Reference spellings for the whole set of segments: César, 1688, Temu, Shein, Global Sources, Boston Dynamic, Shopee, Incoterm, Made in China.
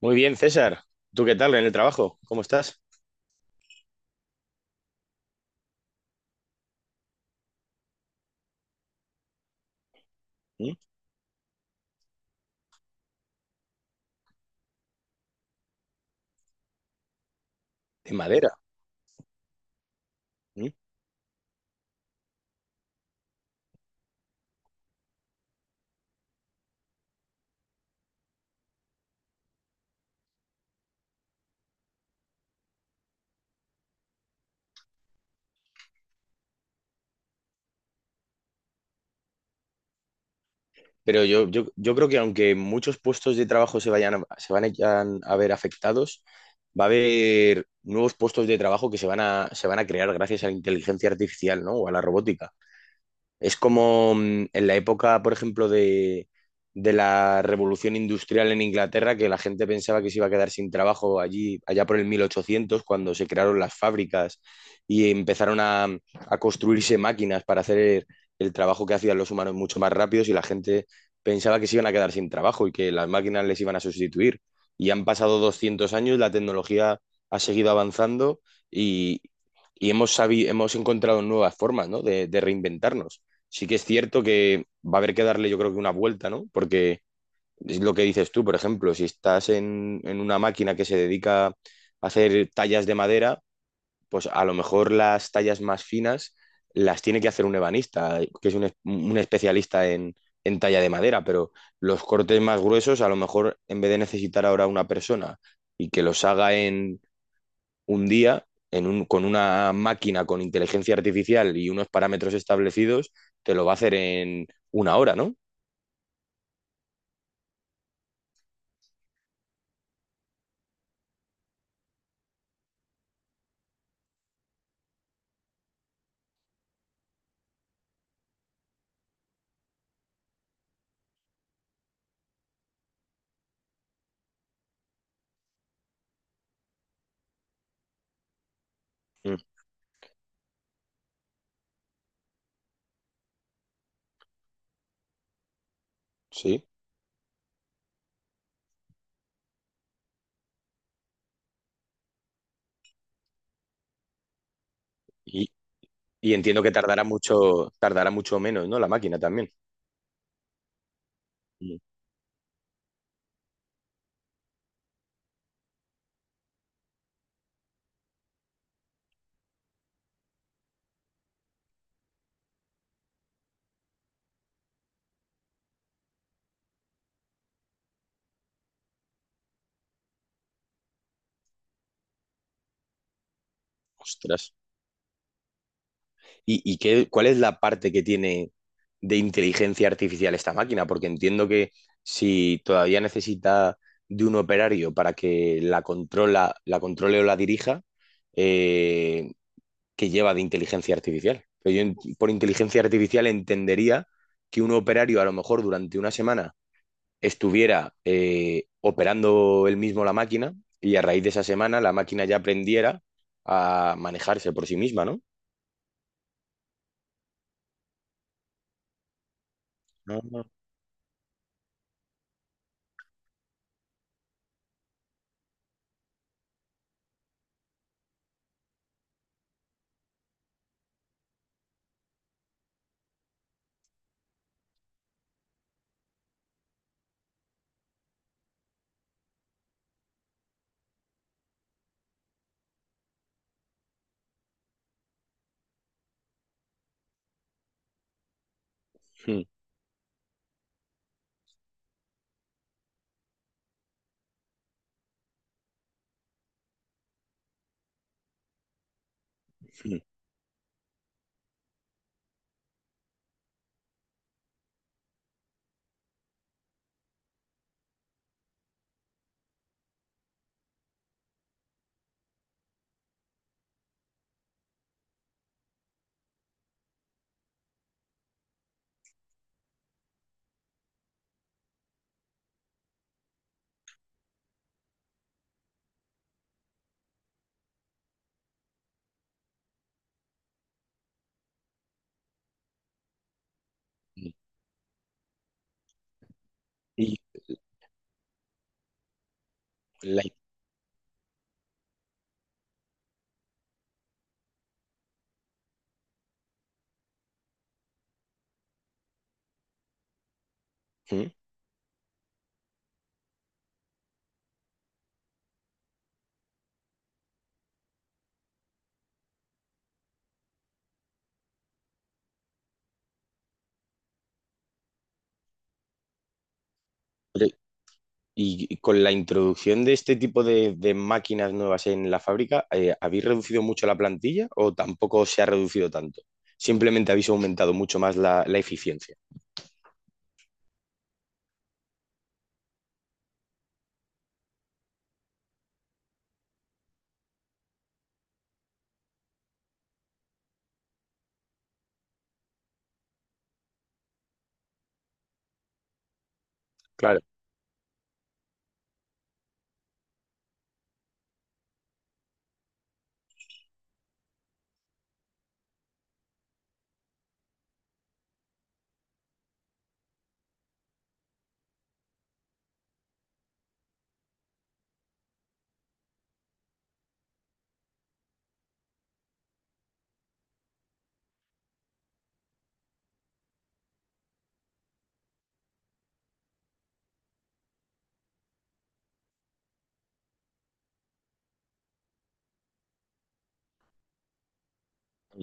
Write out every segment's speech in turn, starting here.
Muy bien, César. ¿Tú qué tal en el trabajo? ¿Cómo estás? ¿Mm? De madera. ¿Mm? Pero yo creo que aunque muchos puestos de trabajo se vayan a, se van a, yan- a ver afectados, va a haber nuevos puestos de trabajo que se van a crear gracias a la inteligencia artificial, ¿no? O a la robótica. Es como en la época, por ejemplo, de la revolución industrial en Inglaterra, que la gente pensaba que se iba a quedar sin trabajo allá por el 1800, cuando se crearon las fábricas y a construirse máquinas para hacer el trabajo que hacían los humanos mucho más rápidos y la gente pensaba que se iban a quedar sin trabajo y que las máquinas les iban a sustituir. Y han pasado 200 años, la tecnología ha seguido avanzando y, y hemos encontrado nuevas formas, ¿no? De reinventarnos. Sí que es cierto que va a haber que darle, yo creo que una vuelta, ¿no? Porque es lo que dices tú, por ejemplo, si estás en una máquina que se dedica a hacer tallas de madera, pues a lo mejor las tallas más finas las tiene que hacer un ebanista, que es un especialista en talla de madera, pero los cortes más gruesos, a lo mejor en vez de necesitar ahora una persona y que los haga un día en con una máquina con inteligencia artificial y unos parámetros establecidos, te lo va a hacer en una hora, ¿no? Mm. Sí. Y, y entiendo que tardará mucho menos, ¿no? La máquina también. Mm. Ostras. Y qué, cuál es la parte que tiene de inteligencia artificial esta máquina? Porque entiendo que si todavía necesita de un operario para que la controle o la dirija, eh, que lleva de inteligencia artificial. Pero yo por inteligencia artificial entendería que un operario a lo mejor durante una semana estuviera operando él mismo la máquina y a raíz de esa semana la máquina ya aprendiera a manejarse por sí misma, ¿no? No, no. Mm, mm, mm. Y la- mm. Oye, y con la introducción de este tipo de máquinas nuevas en la fábrica, ¿habéis reducido mucho la plantilla o tampoco se ha reducido tanto? Simplemente habéis aumentado mucho más la eficiencia. Claro,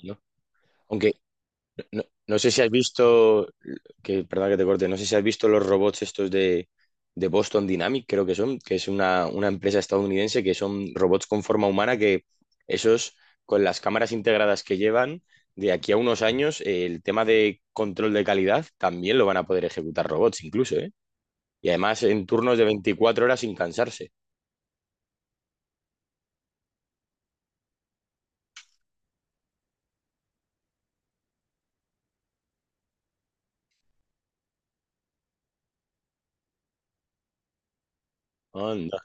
¿no? Aunque no, no sé si has visto, que perdón que te corte, no sé si has visto los robots estos de Boston Dynamic, creo que son, que es una empresa estadounidense, que son robots con forma humana que esos, con las cámaras integradas que llevan, de aquí a unos años, el tema de control de calidad también lo van a poder ejecutar robots incluso, ¿eh? Y además en turnos de 24 horas sin cansarse. Anda.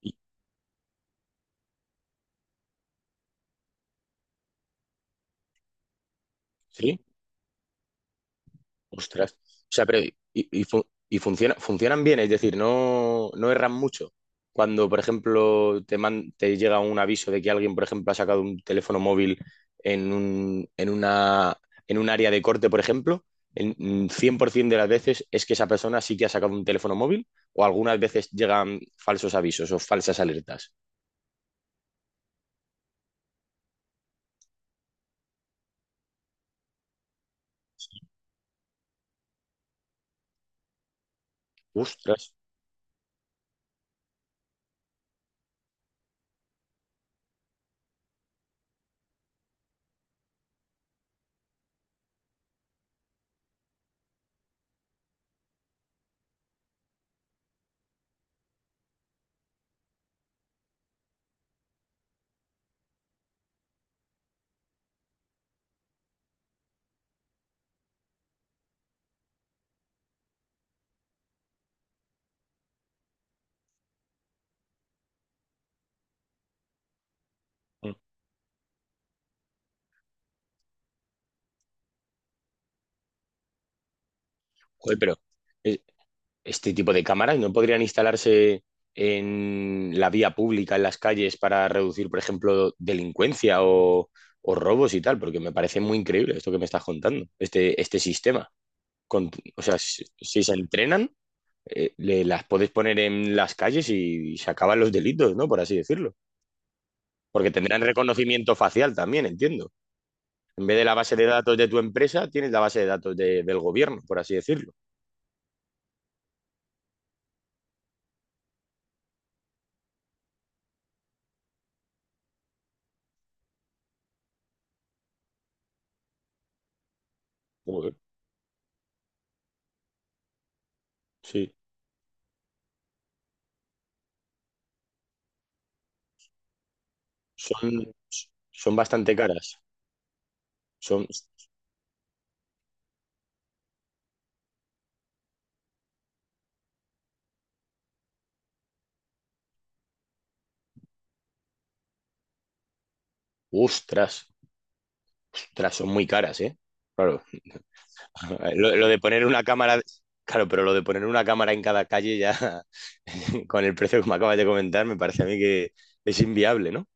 ¿Y- ¿Sí? Ostras. O sea, pero y funciona, funcionan bien, es decir, no, no erran mucho. Cuando, por ejemplo, te llega un aviso de que alguien, por ejemplo, ha sacado un teléfono móvil en en un área de corte, por ejemplo, 100% de las veces es que esa persona sí que ha sacado un teléfono móvil o algunas veces llegan falsos avisos o falsas alertas. Ostras. Mm. Joder, pero... eh, este tipo de cámaras no podrían instalarse en la vía pública, en las calles, para reducir, por ejemplo, delincuencia o robos y tal, porque me parece muy increíble esto que me estás contando, este sistema. Con- o sea, si se entrenan, las puedes poner en las calles y se acaban los delitos, ¿no? Por así decirlo. Porque tendrán reconocimiento facial también, entiendo. En vez de la base de datos de tu empresa, tienes la base de datos de- del gobierno, por así decirlo. Joder, sí, son, son bastante caras. Son, ostras, ostras, son muy caras, ¿eh? Claro. Lo de poner una cámara, claro, pero lo de poner una cámara en cada calle ya, con el precio que me acabas de comentar, me parece a mí que es inviable, ¿no?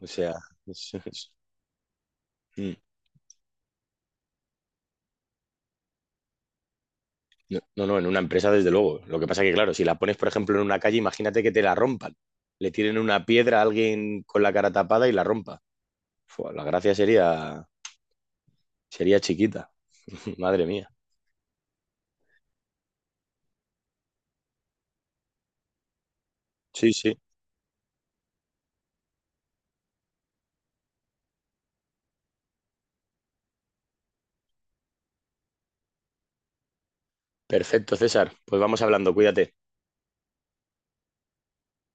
O sea, es- es- mm. No, no, no, en una empresa desde luego. Lo que pasa que, claro, si la pones, por ejemplo, en una calle, imagínate que te la rompan. Le tiren una piedra a alguien con la cara tapada y la rompa. Fua, la gracia sería, sería chiquita. Madre mía. Sí, sí. Perfecto, César. Pues vamos hablando, cuídate.